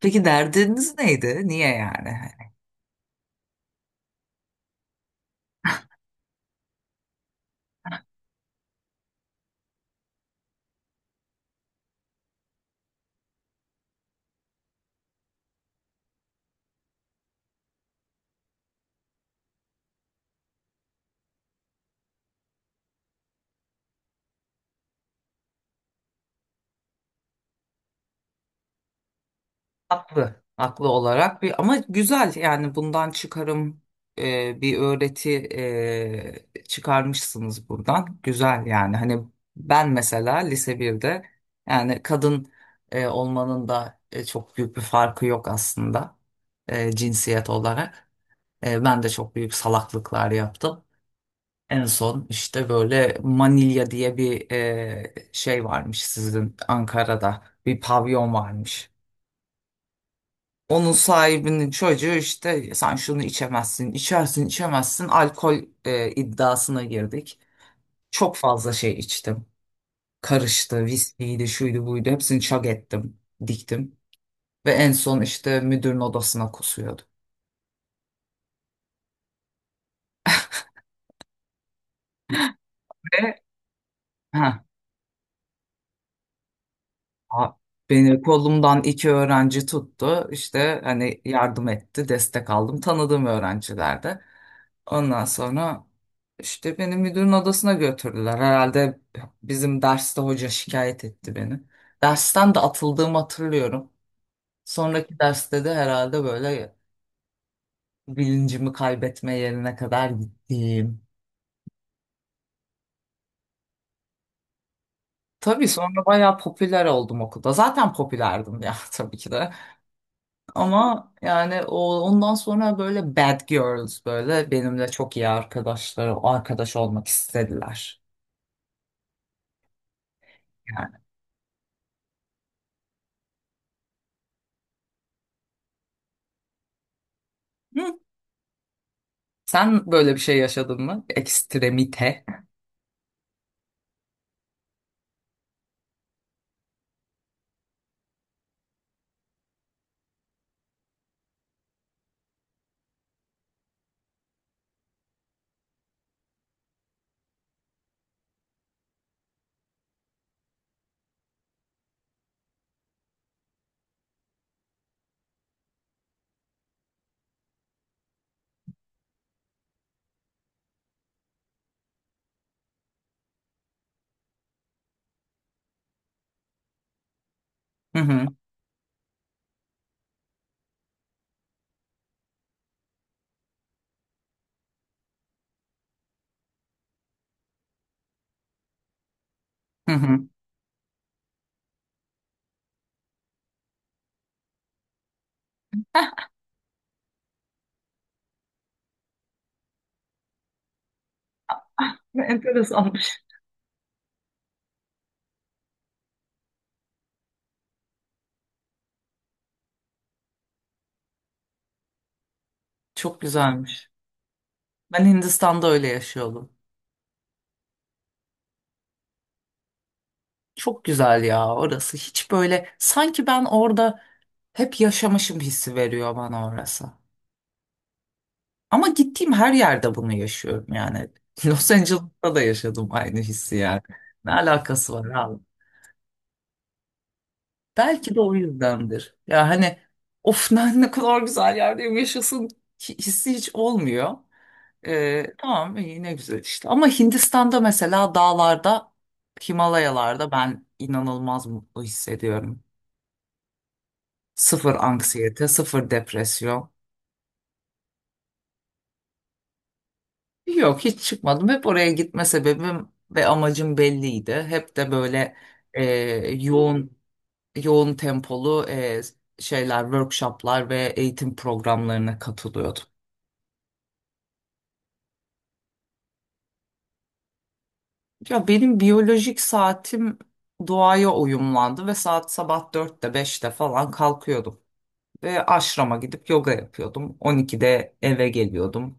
Peki derdiniz neydi? Niye yani? Haklı, haklı olarak bir ama güzel yani bundan çıkarım bir öğreti çıkarmışsınız buradan. Güzel yani hani ben mesela lise birde yani kadın olmanın da çok büyük bir farkı yok aslında cinsiyet olarak. Ben de çok büyük salaklıklar yaptım. En son işte böyle Manilya diye bir şey varmış sizin Ankara'da bir pavyon varmış. Onun sahibinin çocuğu işte sen şunu içemezsin, içersin, içemezsin alkol iddiasına girdik. Çok fazla şey içtim. Karıştı, viskiydi, şuydu buydu hepsini çak ettim, diktim. Ve en son işte müdürün odasına kusuyordu. Ve heh, aa, beni kolumdan iki öğrenci tuttu. İşte hani yardım etti, destek aldım. Tanıdığım öğrencilerde. Ondan sonra işte beni müdürün odasına götürdüler. Herhalde bizim derste hoca şikayet etti beni. Dersten de atıldığımı hatırlıyorum. Sonraki derste de herhalde böyle bilincimi kaybetme yerine kadar gittim. Tabii sonra bayağı popüler oldum okulda. Zaten popülerdim ya tabii ki de. Ama yani ondan sonra böyle bad girls böyle benimle çok iyi arkadaşlar, arkadaş olmak istediler. Yani. Hı. Sen böyle bir şey yaşadın mı? Ekstremite. Hı hı. Hı hı. Ne enteresanmış. Çok güzelmiş. Ben Hindistan'da öyle yaşıyordum. Çok güzel ya orası. Hiç böyle sanki ben orada hep yaşamışım hissi veriyor bana orası. Ama gittiğim her yerde bunu yaşıyorum yani. Los Angeles'ta da yaşadım aynı hissi yani. Ne alakası var abi? Belki de o yüzdendir. Ya hani of ne kadar güzel yerdeyim yaşasın hissi hiç olmuyor. Tamam iyi ne güzel işte. Ama Hindistan'da mesela dağlarda, Himalayalarda ben inanılmaz mutlu hissediyorum. Sıfır anksiyete, sıfır depresyon. Yok hiç çıkmadım. Hep oraya gitme sebebim ve amacım belliydi. Hep de böyle e, yoğun yoğun tempolu şeyler, workshoplar ve eğitim programlarına katılıyordum. Ya benim biyolojik saatim doğaya uyumlandı ve saat sabah dörtte beşte falan kalkıyordum. Ve aşrama gidip yoga yapıyordum. 12'de eve geliyordum.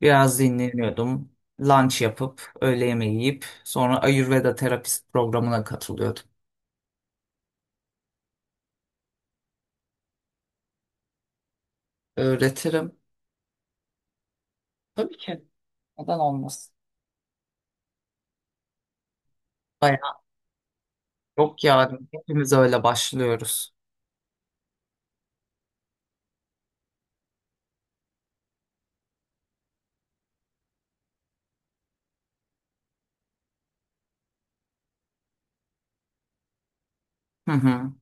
Biraz dinleniyordum. Lunch yapıp öğle yemeği yiyip sonra Ayurveda terapist programına katılıyordum. Öğretirim. Tabii ki. Neden olmasın? Bayağı yok yani. Hepimiz öyle başlıyoruz. Hı hı.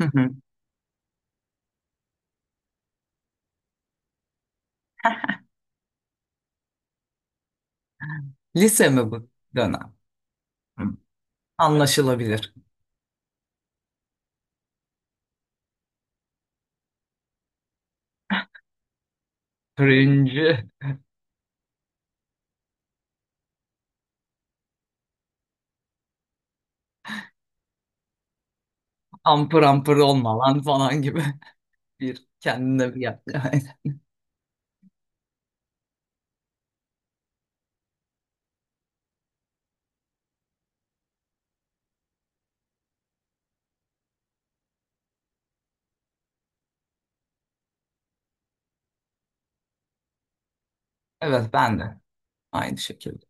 Hı hı. Lise mi bu dönem? Hı. Anlaşılabilir. Cringe. Ampır ampır olma lan falan gibi. Bir kendine bir gel. Evet ben de aynı şekilde.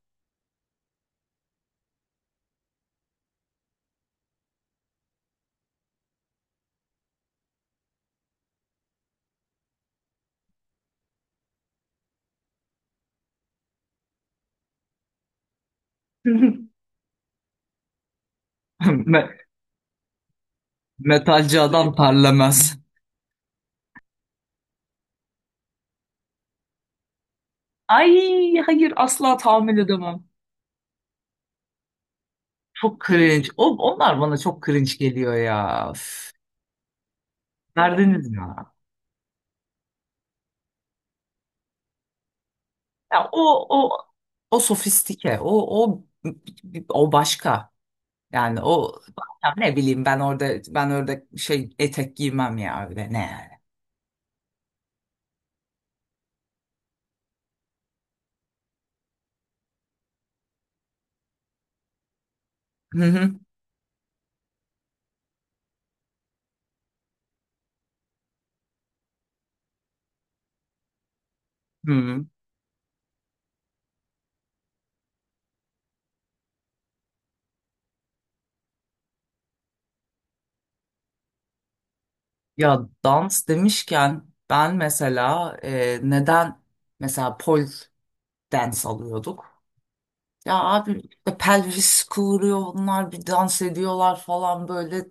Me- Metalci adam terlemez. Ay hayır asla tahammül edemem. Çok cringe. Onlar bana çok cringe geliyor ya. Üf. Verdiniz ya. Ya o sofistike, o o başka. Yani o ya ne bileyim ben orada şey etek giymem ya öyle ne yani. Hı hı. Hı. Ya dans demişken ben mesela neden mesela pol dance alıyorduk? Ya abi pelvis kıvırıyor onlar bir dans ediyorlar falan böyle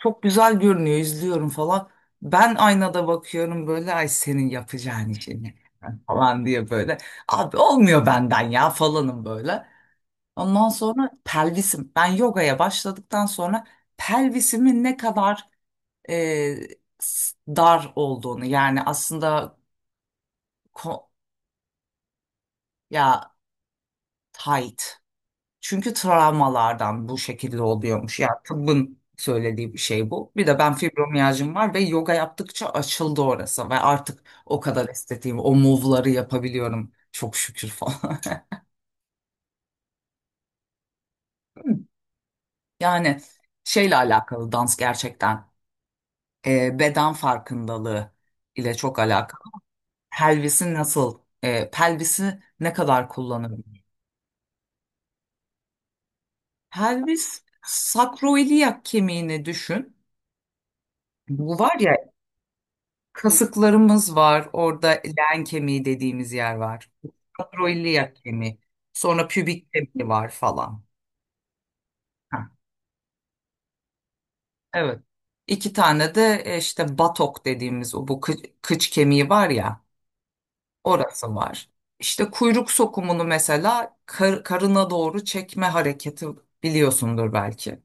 çok güzel görünüyor izliyorum falan. Ben aynada bakıyorum böyle ay senin yapacağın işini falan diye böyle. Abi olmuyor benden ya falanım böyle. Ondan sonra pelvisim ben yogaya başladıktan sonra pelvisimin ne kadar e, dar olduğunu yani aslında ko- ya tight. Çünkü travmalardan bu şekilde oluyormuş. Yani tıbbın söylediği bir şey bu. Bir de ben fibromiyajım var ve yoga yaptıkça açıldı orası ve artık o kadar estetiğim, o move'ları yapabiliyorum. Çok şükür falan. Yani şeyle alakalı dans gerçekten beden farkındalığı ile çok alakalı. Pelvisi nasıl, pelvisi ne kadar kullanılıyor? Pelvis sakroiliyak kemiğini düşün. Bu var ya kasıklarımız var. Orada leğen kemiği dediğimiz yer var. Kadroiliyak kemiği. Sonra pübik kemiği var falan. Ha, evet. İki tane de işte batok dediğimiz o bu kıç kemiği var ya orası var. İşte kuyruk sokumunu mesela karına doğru çekme hareketi biliyorsundur belki.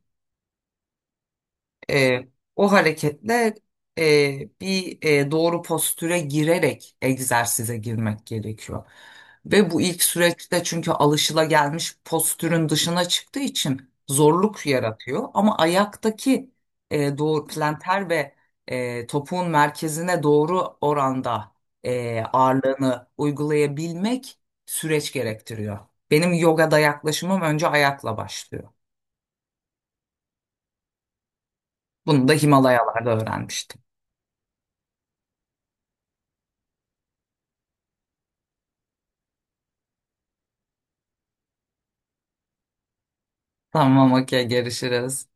E, O hareketle bir doğru postüre girerek egzersize girmek gerekiyor. Ve bu ilk süreçte çünkü alışılagelmiş postürün dışına çıktığı için zorluk yaratıyor. Ama ayaktaki doğru planter ve topuğun merkezine doğru oranda ağırlığını uygulayabilmek süreç gerektiriyor. Benim yogada yaklaşımım önce ayakla başlıyor. Bunu da Himalayalarda öğrenmiştim. Tamam okey görüşürüz.